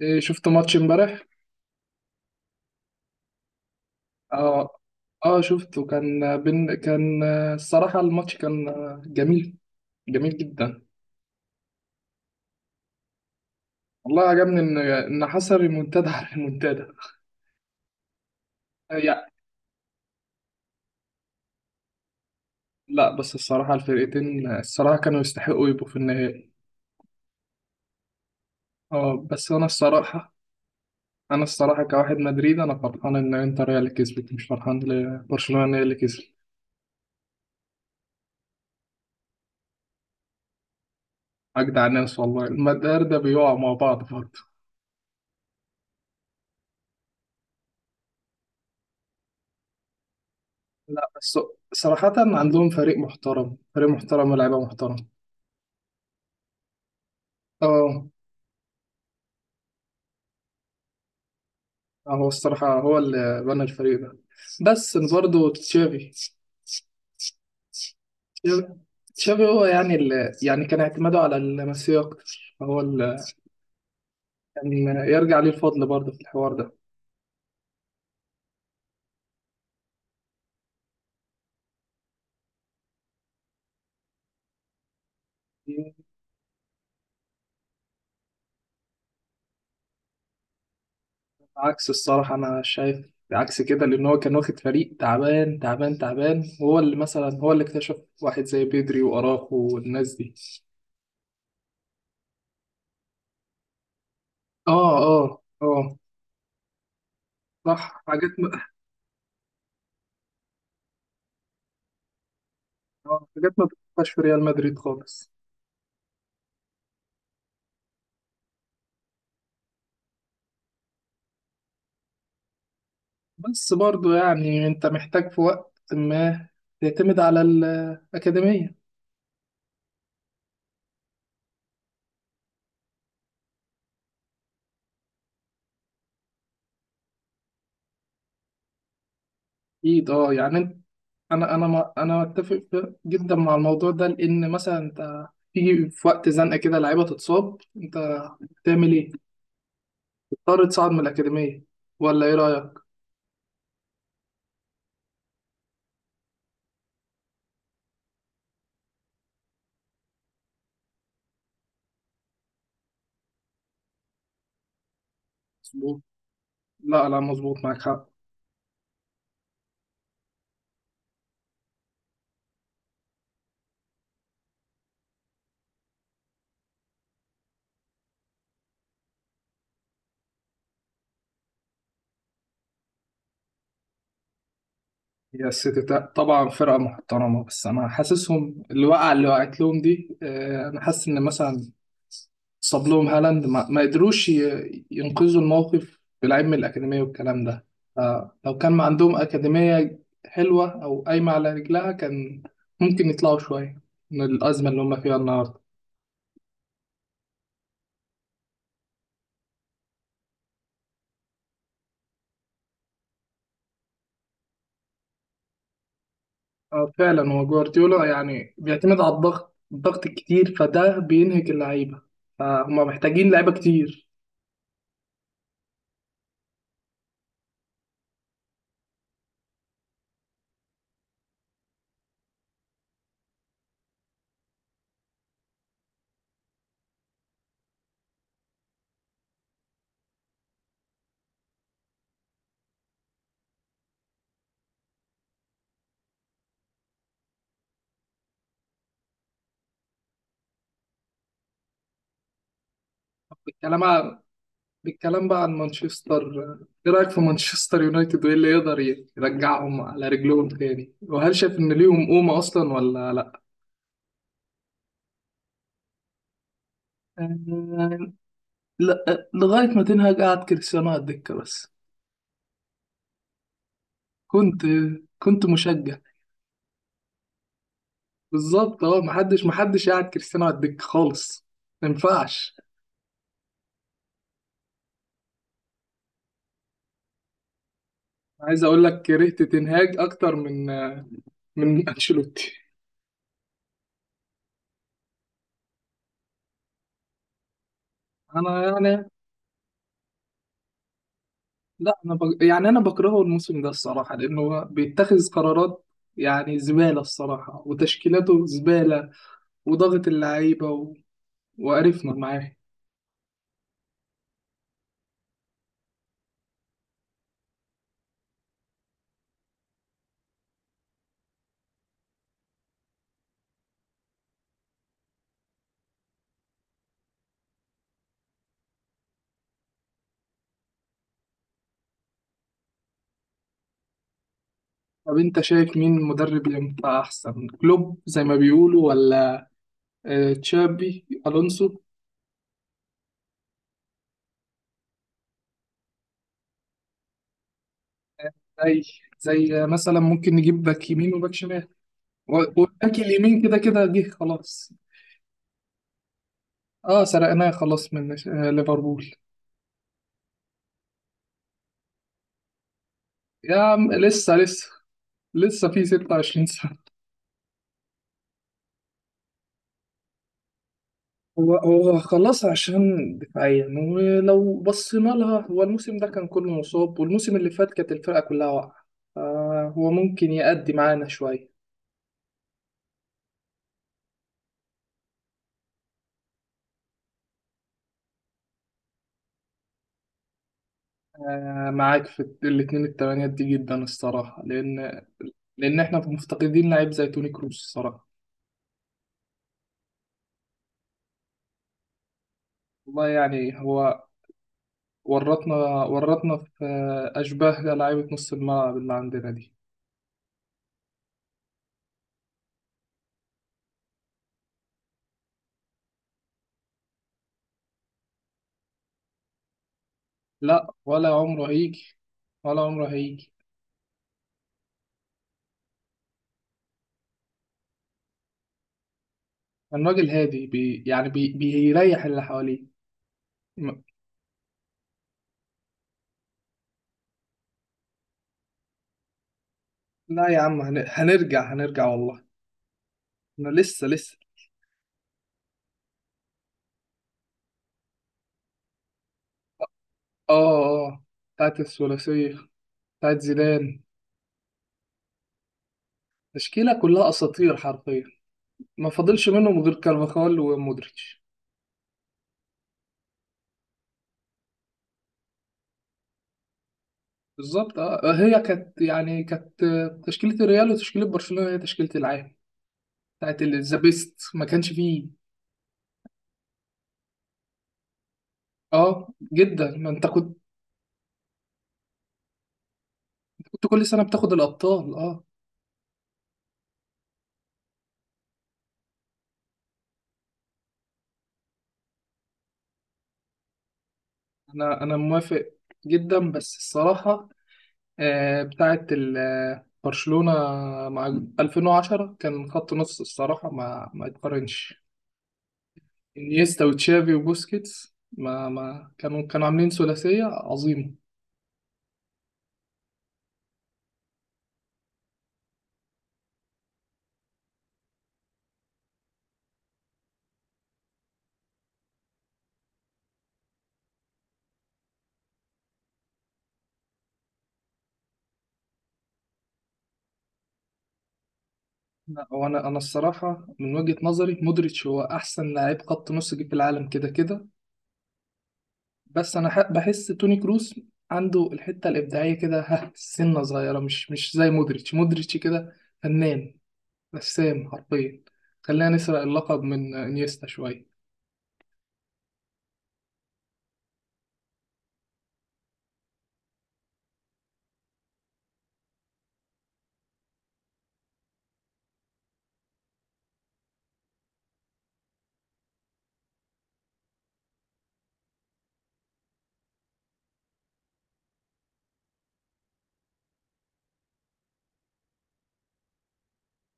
إيه، شفت ماتش امبارح. اه. اه شفته كان بين كان آه، الصراحة الماتش كان جميل، جميل جدا. والله عجبني ان حصل ريمونتادا على ريمونتادا. آه، يع- لا، بس الصراحة الفرقتين، الصراحة كانوا يستحقوا يبقوا في النهائي. اه، بس انا الصراحة، انا الصراحة كواحد مدريد انا فرحان ان انتر هي اللي كسبت، مش فرحان لبرشلونة هي اللي كسبت. اجدع ناس والله المدار ده بيقعوا مع بعض برضه. لا، بس صراحة عندهم فريق محترم، فريق محترم ولاعيبة محترم. اه. هو الصراحة هو اللي بنى الفريق ده، بس برضه تشافي. تشافي هو اللي كان اعتماده على الميسي أكتر، هو اللي كان يرجع ليه الفضل برضه في الحوار ده. عكس الصراحة أنا شايف، عكس كده، لأن هو كان واخد فريق تعبان تعبان تعبان. هو اللي مثلا هو اللي اكتشف واحد زي بيدري وأراخو والناس دي. اه، اه، اه. صح. حاجات ما حاجات ما بتبقاش في ريال مدريد خالص. بس برضو يعني انت محتاج في وقت ما تعتمد على الأكاديمية. أكيد اه، انا ما انا متفق جدا مع الموضوع ده، لأن مثلا انت تيجي في وقت زنقة كده، لعيبة تتصاب، انت تعمل ايه؟ تضطر تصعد من الأكاديمية، ولا ايه رأيك؟ مظبوط. لا لا، مظبوط، معاك حق. هي السيتي طبعا فرقة محترمة، بس أنا حاسسهم الوقعة اللي وقعت لهم دي، أنا حاسس إن مثلا صاب لهم هالاند ما قدروش ينقذوا الموقف بلعيب من الأكاديمية والكلام ده. لو كان ما عندهم أكاديمية حلوة أو قايمة على رجلها، كان ممكن يطلعوا شوية من الأزمة اللي هم فيها النهاردة. فعلا هو جوارديولا يعني بيعتمد على الضغط الكتير، فده بينهك اللعيبة، فهم محتاجين لعيبة كتير. الكلام بالكلام بقى عن مانشستر. ايه رأيك في مانشستر يونايتد، وايه اللي يقدر يرجعهم على رجلهم تاني، وهل شايف ان ليهم قومة اصلا ولا لا؟ آه، لا، لغاية ما تنهج قعد كريستيانو على الدكة بس. كنت، كنت مشجع. بالظبط اه، محدش قعد كريستيانو على الدكة خالص. ما ينفعش. عايز اقول لك كرهت تنهاج اكتر من انشيلوتي. انا يعني، لا انا بج... يعني انا بكرهه الموسم ده الصراحه، لانه هو بيتخذ قرارات يعني زباله الصراحه، وتشكيلاته زباله، وضغط اللعيبه و... وقرفنا معاه. طب انت شايف مين مدرب ينفع احسن؟ كلوب زي ما بيقولوا، ولا تشابي الونسو؟ زي زي مثلا ممكن نجيب باك يمين وباك شمال. والباك اليمين كده كده جه خلاص. اه، سرقناه خلاص من ليفربول. يا عم لسه، لسه في 26 سنة. هو خلاص، عشان دفاعيا ولو بصينا لها، هو الموسم ده كان كله مصاب، والموسم اللي فات كانت الفرقة كلها واقعة. هو ممكن يأدي معانا شوية. معاك في الاتنين التمانيات دي جدا الصراحة، لأن احنا مفتقدين لعيب زي توني كروس الصراحة. والله يعني هو ورطنا، ورطنا في أشباه لعيبة نص الملعب اللي عندنا دي. لا، ولا عمره هيجي، ولا عمره هيجي. الراجل هادي، بي يعني بي بيريح اللي حواليه. م- لا يا عم، هنرجع، هنرجع والله. انا لسه، لسه. اه، اه. بتاعت الثلاثية، بتاعت زيدان. تشكيلة كلها اساطير حرفيا، ما فاضلش منهم غير كارفاخال ومودريتش. بالظبط اه، هي كانت كانت تشكيلة الريال وتشكيلة برشلونة هي تشكيلة العام، ذا بيست ما كانش فيه. اه جدا، ما انت كنت كنت كل سنة بتاخد الابطال اه. انا، موافق جدا، بس الصراحة آه، بتاعة ال- آه، برشلونة مع 2010 كان خط نص الصراحة ما يتقارنش. انيستا وتشافي وبوسكيتس ما كانوا عاملين ثلاثية عظيمة. لا، انا الصراحة من وجهة نظري مودريتش هو احسن لاعب خط نص جه في العالم كده كده. بس بحس توني كروس عنده الحتة الإبداعية كده ها، سنة صغيرة، مش زي مودريتش. مودريتش كده فنان، رسام حرفيا. خلينا نسرق اللقب من انيستا شوية.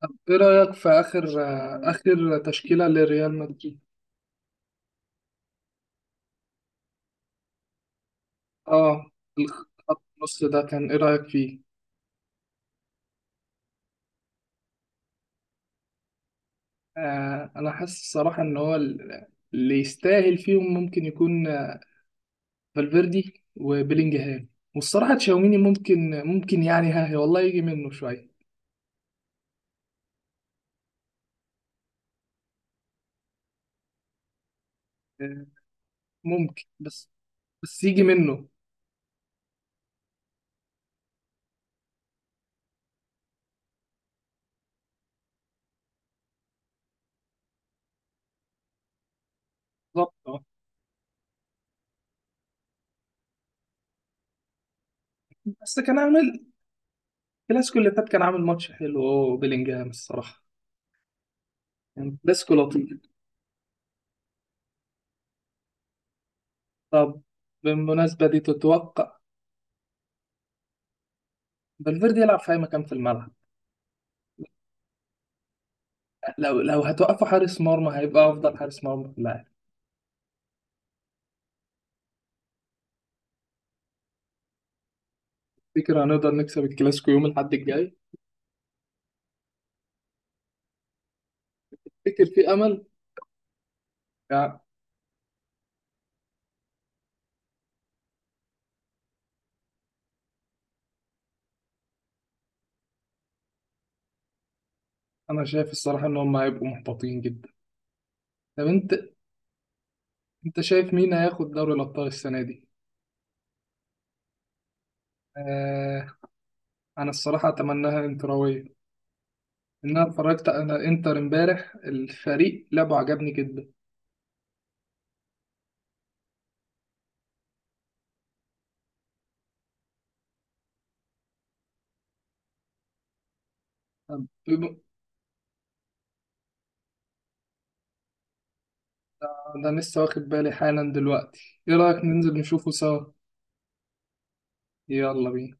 طب ايه رأيك في آخر، آخر تشكيلة لريال مدريد؟ اه، الخط النص ده كان ايه رأيك فيه؟ انا حاسس الصراحة ان اللي يستاهل فيهم ممكن يكون فالفيردي وبيلينجهام، والصراحة تشاوميني ممكن، ممكن يعني ها والله يجي منه شوية. آه، ممكن، بس. بس يجي منه. بالظبط اه. بس كان عامل الكلاسيكو اللي فات، كان عامل ماتش حلو. اه، بيلينجهام الصراحة كان كلاسيكو لطيف. طب بالمناسبة دي تتوقع، فالفيردي يلعب في اي مكان في الملعب. لو هتوقفه حارس مرمى هيبقى افضل حارس مرمى في اللاعب. فكر هنقدر نكسب الكلاسيكو يوم الاحد الجاي؟ فكر في امل. يعني انا شايف الصراحه ان هم هيبقوا محبطين جدا. طب انت، شايف مين هياخد دوري الابطال السنه دي؟ آه، انا الصراحه اتمناها انتراويه. انا اتفرجت على انتر امبارح، الفريق لعبه عجبني جدا. طب بم- ده، ده أنا لسه واخد بالي حالا دلوقتي، ايه رايك ننزل نشوفه سوا؟ يلا بينا.